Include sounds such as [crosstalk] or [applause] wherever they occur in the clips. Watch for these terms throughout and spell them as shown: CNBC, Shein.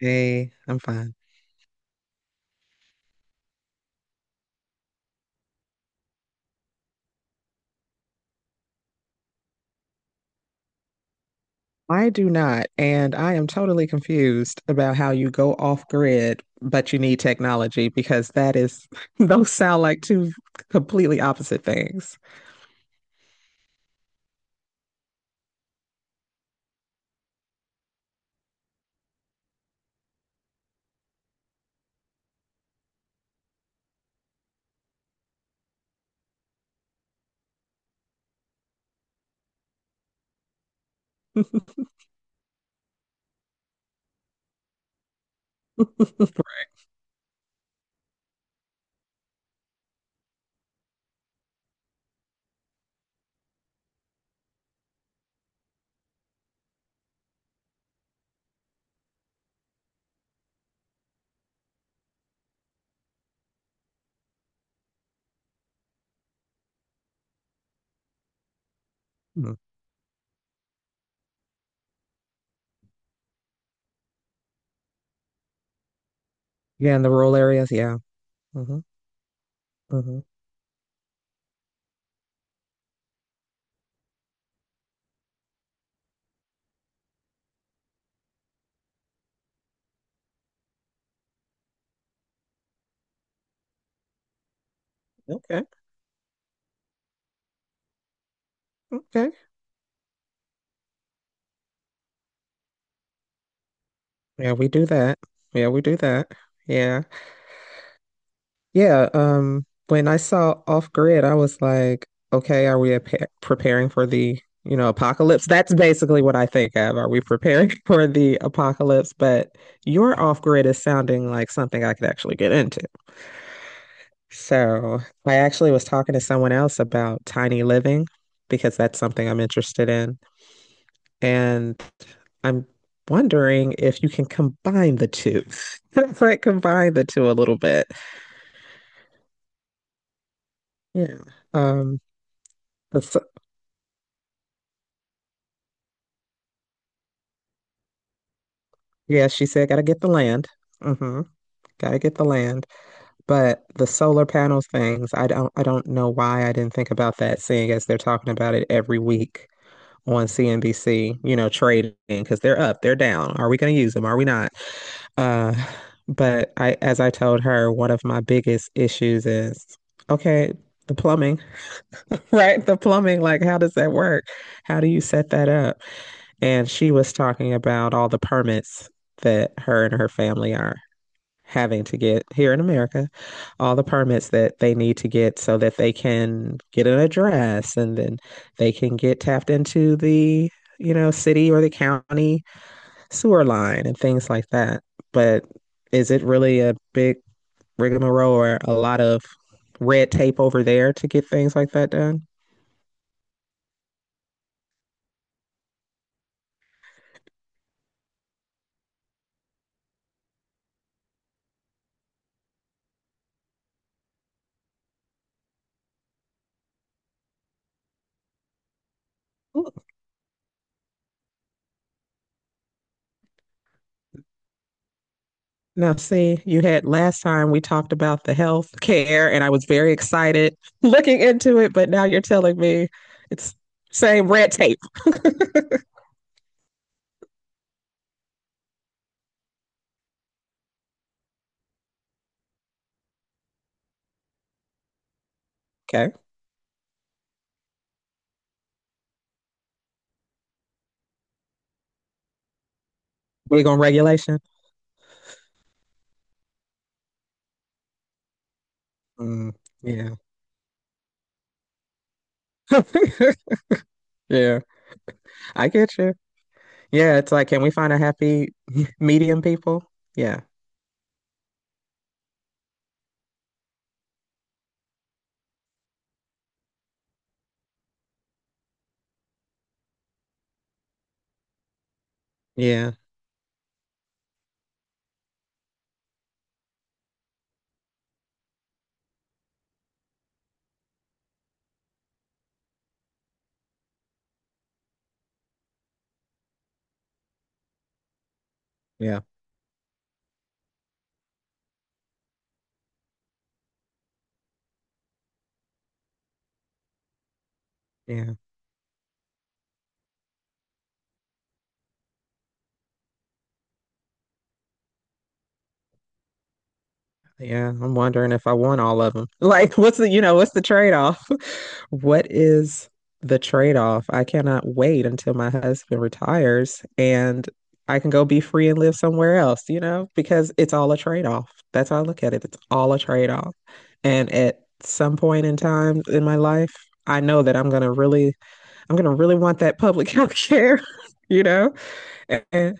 Hey, I'm fine. I do not, and I am totally confused about how you go off grid, but you need technology because [laughs] those sound like two completely opposite things. Hmm. Yeah, in the rural areas, yeah. Hmm. Hmm. Okay, okay. Yeah, we do that. Yeah, we do that. Yeah. Yeah, when I saw Off Grid, I was like, okay, are we ap preparing for the apocalypse? That's basically what I think of. Are we preparing [laughs] for the apocalypse? But your Off Grid is sounding like something I could actually get into. So I actually was talking to someone else about tiny living because that's something I'm interested in. And I'm wondering if you can combine the two. [laughs] Like combine the two a little bit. Yeah. Um, but s- Yeah, she said, gotta get the land. Mm-hmm. Gotta get the land. But the solar panel things, I don't know why I didn't think about that, seeing as they're talking about it every week on CNBC, trading, because they're up, they're down. Are we gonna use them? Are we not? Uh, but I as I told her, one of my biggest issues is okay, the plumbing, [laughs] right? The plumbing, like how does that work? How do you set that up? And she was talking about all the permits that her and her family are having to get here in America, all the permits that they need to get so that they can get an address and then they can get tapped into the city or the county sewer line and things like that. But is it really a big rigmarole or a lot of red tape over there to get things like that done? Ooh. Now, see, you had last time we talked about the health care, and I was very excited [laughs] looking into it, but now you're telling me it's same red tape. [laughs] Okay. We on regulation. Mm, yeah. [laughs] Yeah, I get you. Yeah, it's like, can we find a happy [laughs] medium people? Yeah, yeah, yeah, yeah, yeah. I'm wondering if I want all of them. [laughs] Like, what's the trade-off? [laughs] What is the trade-off? I cannot wait until my husband retires and I can go be free and live somewhere else, because it's all a trade-off. That's how I look at it. It's all a trade-off. And at some point in time in my life, I know that I'm gonna really want that public [laughs] health care, [laughs] you know? Eh,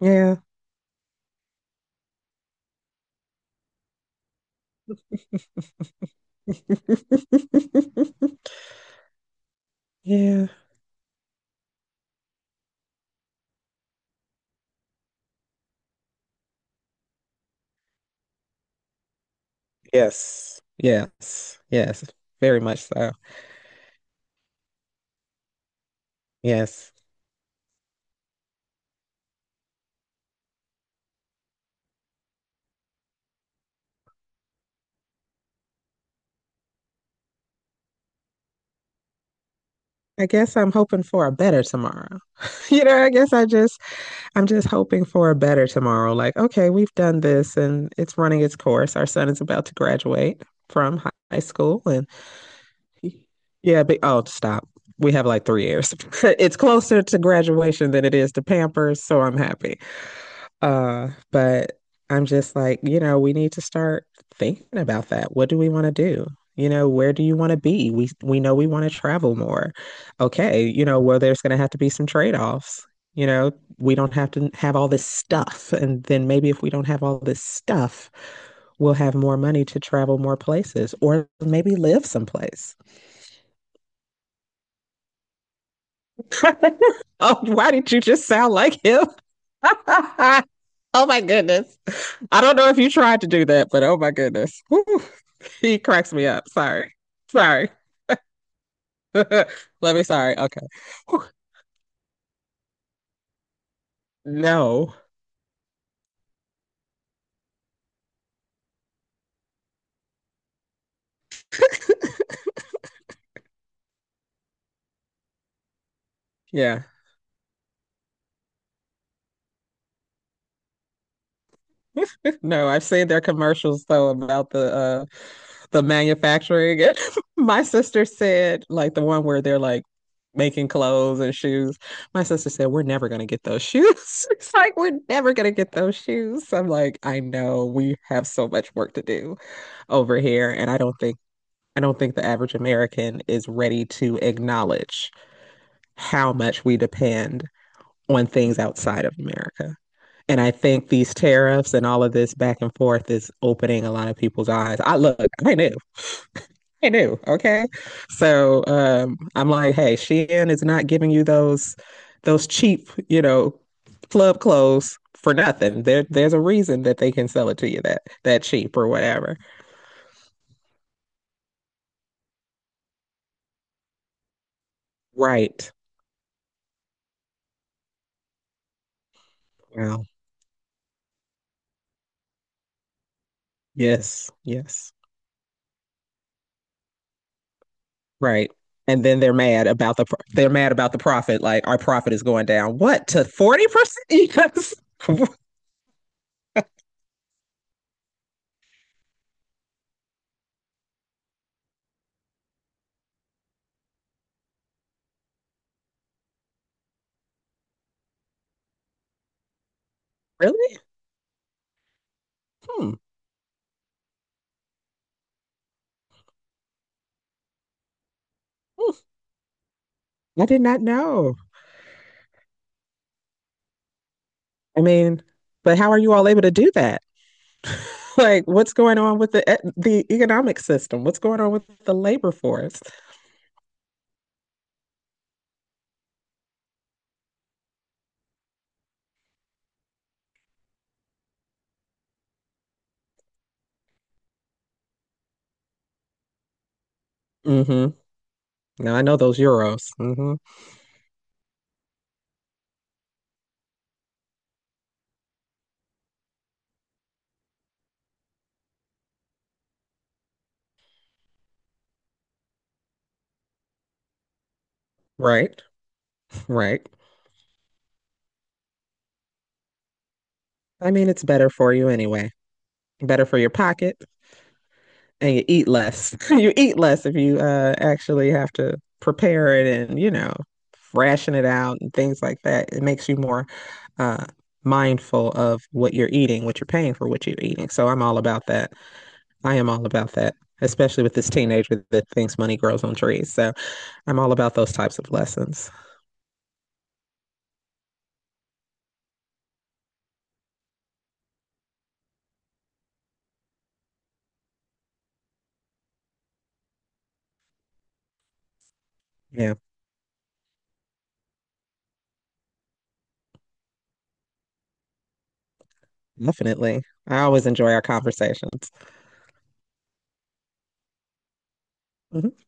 yeah. [laughs] Yeah. Yes. Yes. Yes. Very much so. Yes. I guess I'm hoping for a better tomorrow. [laughs] You know, I guess I just I'm just hoping for a better tomorrow. Like, okay, we've done this and it's running its course. Our son is about to graduate from high school and [laughs] yeah, but oh, stop. We have like 3 years. [laughs] It's closer to graduation than it is to Pampers, so I'm happy. But I'm just like, we need to start thinking about that. What do we want to do? Where do you want to be? We know we want to travel more. Okay, well, there's going to have to be some trade-offs. You know, we don't have to have all this stuff, and then maybe if we don't have all this stuff, we'll have more money to travel more places, or maybe live someplace. [laughs] Oh, why did you just sound like him? [laughs] Oh my goodness. I don't know if you tried to do that, but oh my goodness. Whew. He cracks me up. Sorry. Sorry. [laughs] Let me sorry. Okay. Whew. No. Yeah. [laughs] No, I've seen their commercials though about the manufacturing. [laughs] My sister said, like the one where they're like making clothes and shoes. My sister said, we're never gonna get those shoes. [laughs] It's like we're never gonna get those shoes. I'm like, I know we have so much work to do over here, and I don't think the average American is ready to acknowledge how much we depend on things outside of America. And I think these tariffs and all of this back and forth is opening a lot of people's eyes. I look, I knew, I knew, okay. So I'm like, hey, Shein is not giving you those cheap, club clothes for nothing. There's a reason that they can sell it to you that cheap or whatever. Right. Well, yes, yes. Right. And then they're mad about they're mad about the profit. Like our profit is going down. What, to 40%? Yes. [laughs] Really? Hmm. Hmm. I did not know. I mean, but how are you all able to do that? [laughs] Like, what's going on with the economic system? What's going on with the labor force? Mm-hmm. Now I know those euros. Mm-hmm. Right. Right. I mean, it's better for you anyway. Better for your pocket. And you eat less. [laughs] You eat less if you actually have to prepare it and, ration it out and things like that. It makes you more uh, mindful of what you're eating, what you're paying for, what you're eating. So I'm all about that. I am all about that, especially with this teenager that thinks money grows on trees. So I'm all about those types of lessons. Yeah, definitely. I always enjoy our conversations. Mhm.